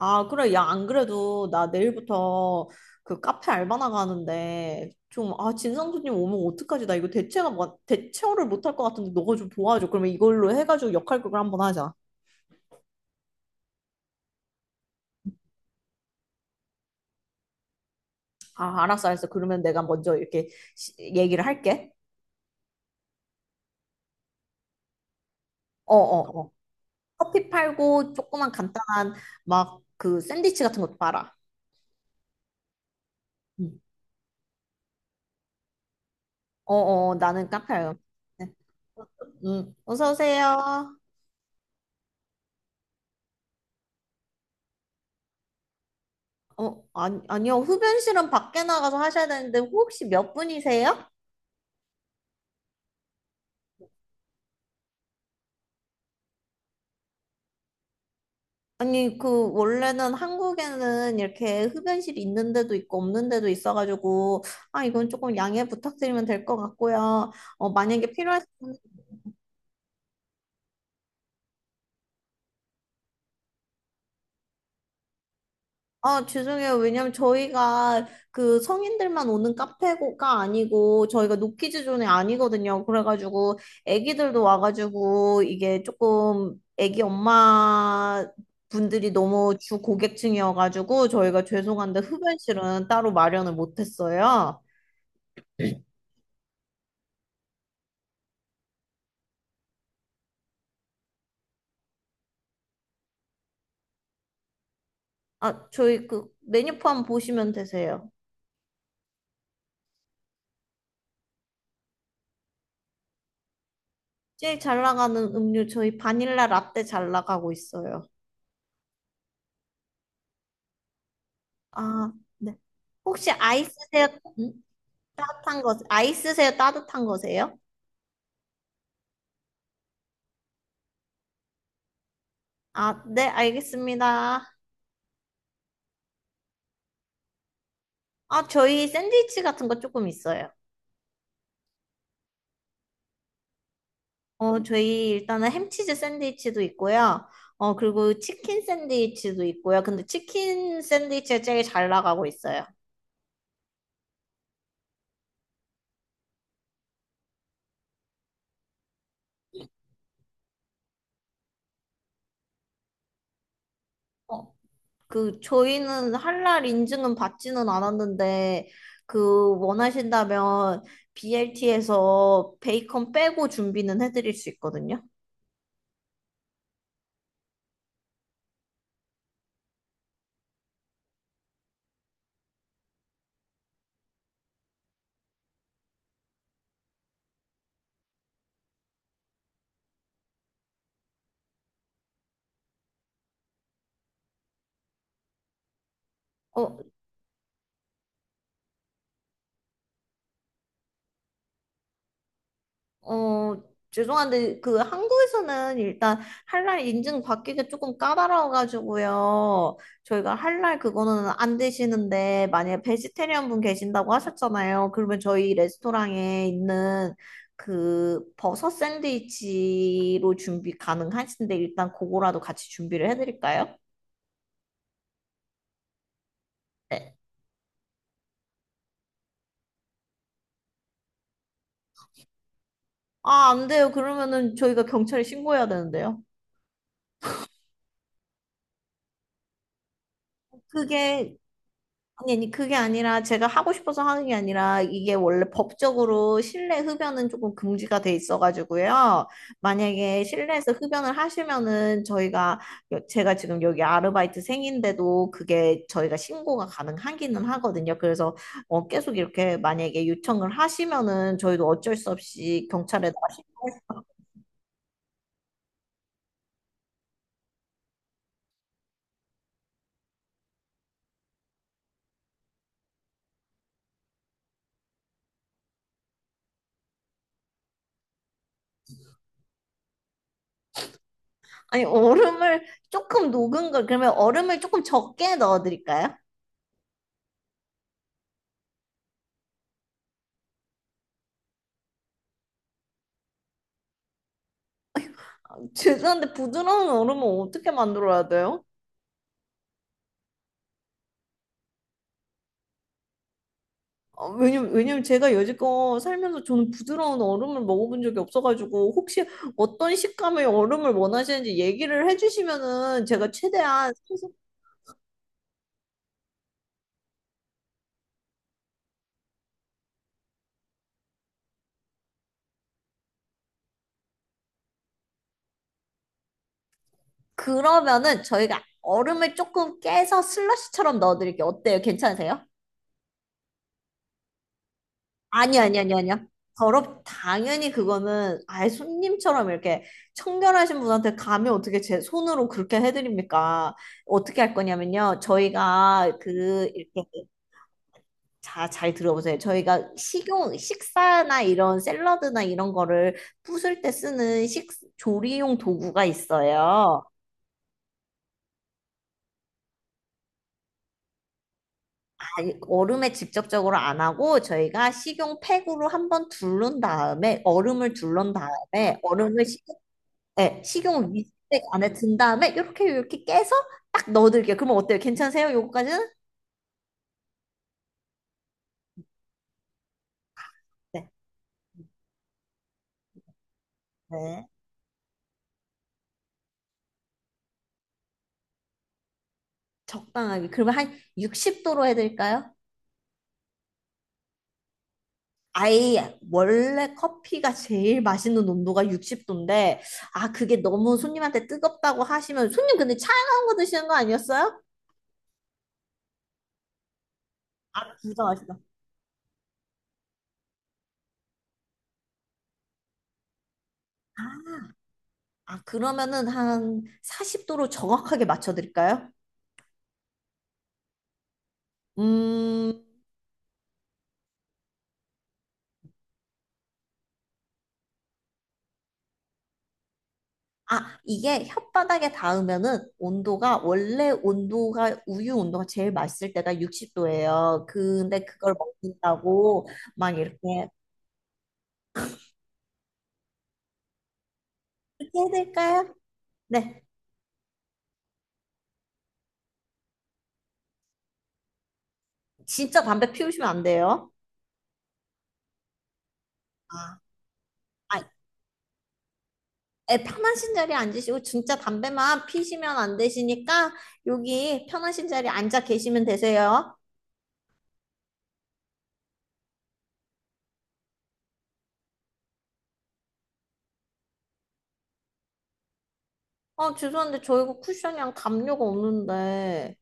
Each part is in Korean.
아, 그래. 야, 안 그래도 나 내일부터 그 카페 알바 나가는데 좀, 아, 진상 손님 오면 어떡하지? 나 이거 대체어를 못할 것 같은데 너가 좀 도와줘. 그러면 이걸로 해가지고 역할극을 한번 하자. 아, 알았어, 알았어. 그러면 내가 먼저 이렇게 얘기를 할게. 어, 어, 어. 커피 팔고 조그만 간단한 막 그 샌드위치 같은 것도 팔아. 응. 어, 어, 어. 나는 카페 알바. 네. 응, 어서 오세요. 어, 아니, 아니요. 흡연실은 밖에 나가서 하셔야 되는데, 혹시 몇 분이세요? 아니, 그, 원래는 한국에는 이렇게 흡연실이 있는 데도 있고 없는 데도 있어가지고, 아, 이건 조금 양해 부탁드리면 될 것 같고요. 어, 만약에 필요하시면, 아, 죄송해요. 왜냐면 저희가 그 성인들만 오는 카페가 아니고, 저희가 노키즈 존이 아니거든요. 그래가지고, 애기들도 와가지고, 이게 조금 애기 엄마, 분들이 너무 주 고객층이어가지고 저희가 죄송한데 흡연실은 따로 마련을 못했어요. 아, 저희 그 메뉴판 보시면 되세요. 제일 잘 나가는 음료 저희 바닐라 라떼 잘 나가고 있어요. 아, 네. 혹시 아이스세요? 음? 따뜻한 거, 아이스세요? 따뜻한 거세요? 아, 네, 알겠습니다. 아, 저희 샌드위치 같은 거 조금 있어요. 어, 저희 일단은 햄치즈 샌드위치도 있고요. 어, 그리고 치킨 샌드위치도 있고요. 근데 치킨 샌드위치가 제일 잘 나가고 있어요. 어, 그 저희는 할랄 인증은 받지는 않았는데 그 원하신다면 BLT에서 베이컨 빼고 준비는 해드릴 수 있거든요. 어, 어, 죄송한데 그 한국에서는 일단 할랄 인증 받기가 조금 까다로워가지고요. 저희가 할랄 그거는 안 되시는데 만약에 베지테리언 분 계신다고 하셨잖아요. 그러면 저희 레스토랑에 있는 그 버섯 샌드위치로 준비 가능하신데 일단 그거라도 같이 준비를 해드릴까요? 네. 아, 안 돼요. 그러면은 저희가 경찰에 신고해야 되는데요. 그게 아니, 아니, 그게 아니라 제가 하고 싶어서 하는 게 아니라 이게 원래 법적으로 실내 흡연은 조금 금지가 돼 있어가지고요. 만약에 실내에서 흡연을 하시면은 저희가, 제가 지금 여기 아르바이트생인데도 그게 저희가 신고가 가능하기는 하거든요. 그래서 어, 계속 이렇게 만약에 요청을 하시면은 저희도 어쩔 수 없이 경찰에다가. 아니, 얼음을 조금 녹은 걸, 그러면 얼음을 조금 적게 넣어드릴까요? 죄송한데 부드러운 얼음은 어떻게 만들어야 돼요? 어, 왜냐면 제가 여지껏 살면서 저는 부드러운 얼음을 먹어본 적이 없어가지고 혹시 어떤 식감의 얼음을 원하시는지 얘기를 해주시면은 제가 최대한. 그러면은 저희가 얼음을 조금 깨서 슬러시처럼 넣어드릴게요. 어때요? 괜찮으세요? 아니 아니 아니 아니요. 더럽 당연히 그거는 아예 손님처럼 이렇게 청결하신 분한테 감히 어떻게 제 손으로 그렇게 해드립니까? 어떻게 할 거냐면요. 저희가 그 이렇게 자, 잘 들어보세요. 저희가 식사나 이런 샐러드나 이런 거를 부술 때 쓰는 조리용 도구가 있어요. 아니, 얼음에 직접적으로 안 하고 저희가 식용 팩으로 한번 둘른 다음에 얼음을 둘른 다음에 얼음을. 네, 식용 윗팩 안에 든 다음에 이렇게 이렇게 깨서 딱 넣어드릴게요. 그러면 어때요? 괜찮으세요? 요거까지는? 네. 네. 적당하게. 그러면 한 60도로 해드릴까요? 아예 원래 커피가 제일 맛있는 온도가 60도인데 아, 그게 너무 손님한테 뜨겁다고 하시면 손님 근데 차가운 거 드시는 거 아니었어요? 아, 부정하시다. 아, 그러면은 한 40도로 정확하게 맞춰 드릴까요? 음. 아, 이게 혓바닥에 닿으면은 온도가 원래 온도가 우유 온도가 제일 맛있을 때가 60도예요. 근데 그걸 먹는다고 막 이렇게 그렇게 해야 될까요? 네. 진짜 담배 피우시면 안 돼요. 아. 에 편하신 자리에 앉으시고 진짜 담배만 피시면 안 되시니까 여기 편하신 자리에 앉아 계시면 되세요. 어, 죄송한데 저 이거 쿠션이랑 담요가 없는데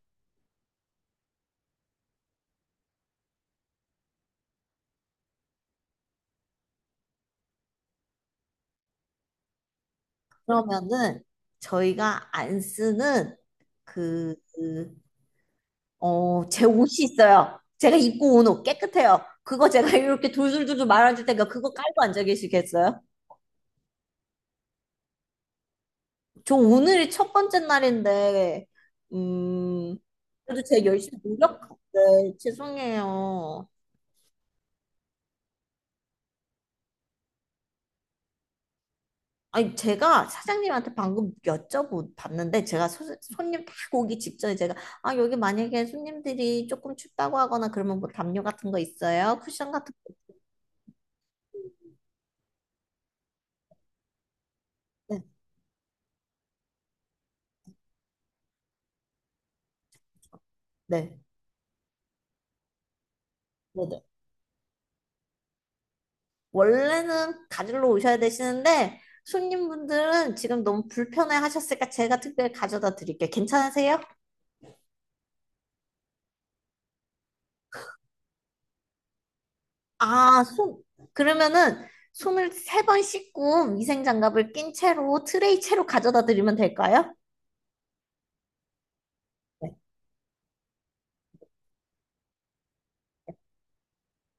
그러면은 저희가 안 쓰는 그, 그, 제 옷이 있어요. 제가 입고 온 옷 깨끗해요. 그거 제가 이렇게 돌돌돌돌 말아줄 테니까 그거 깔고 앉아 계시겠어요? 저 오늘이 첫 번째 날인데 음 그래도 제가 열심히 노력. 네, 죄송해요. 아니, 제가 사장님한테 방금 여쭤봤는데 제가 손님 딱 오기 직전에 제가 아, 여기 만약에 손님들이 조금 춥다고 하거나 그러면 뭐 담요 같은 거 있어요? 쿠션 같은 거? 네, 네, 네. 네. 원래는 가지러 오셔야 되시는데 손님분들은 지금 너무 불편해 하셨으니까 제가 특별히 가져다 드릴게요. 괜찮으세요? 아, 손 그러면은 손을 세 번 씻고 위생 장갑을 낀 채로 트레이 채로 가져다 드리면 될까요?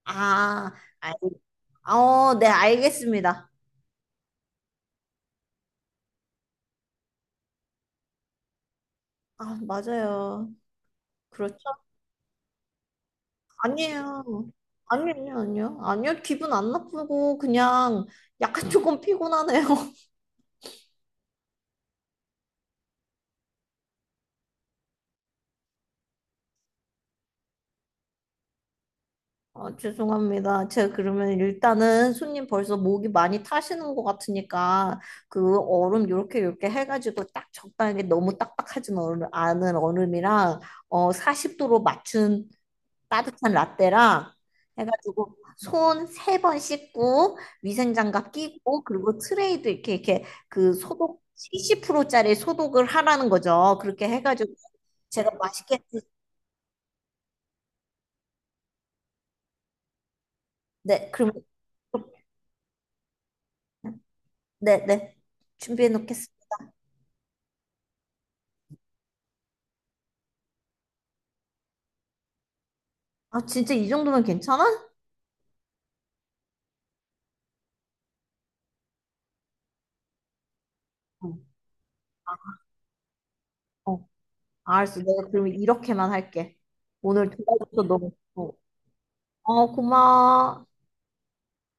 아, 알, 네, 알겠습니다. 아, 맞아요. 그렇죠. 아니에요. 아니에요, 아니요. 아니요, 기분 안 나쁘고, 그냥 약간 조금 피곤하네요. 아, 죄송합니다. 제가 그러면 일단은 손님 벌써 목이 많이 타시는 것 같으니까, 그 얼음 요렇게 요렇게 해가지고 딱 적당하게 너무 딱딱하진 얼음, 않은 얼음이랑, 어, 40도로 맞춘 따뜻한 라떼랑 해가지고 손 세 번 씻고 위생장갑 끼고 그리고 트레이도 이렇게 이렇게 그 소독 70%짜리 소독을 하라는 거죠. 그렇게 해가지고 제가 맛있게. 네, 그럼. 네네, 준비해 놓겠습니다. 아, 진짜 이 정도면 괜찮아? 어, 어. 알았어. 내가 그러면 이렇게만 할게. 오늘 도와줘서 너무 고마워. 어, 고마워.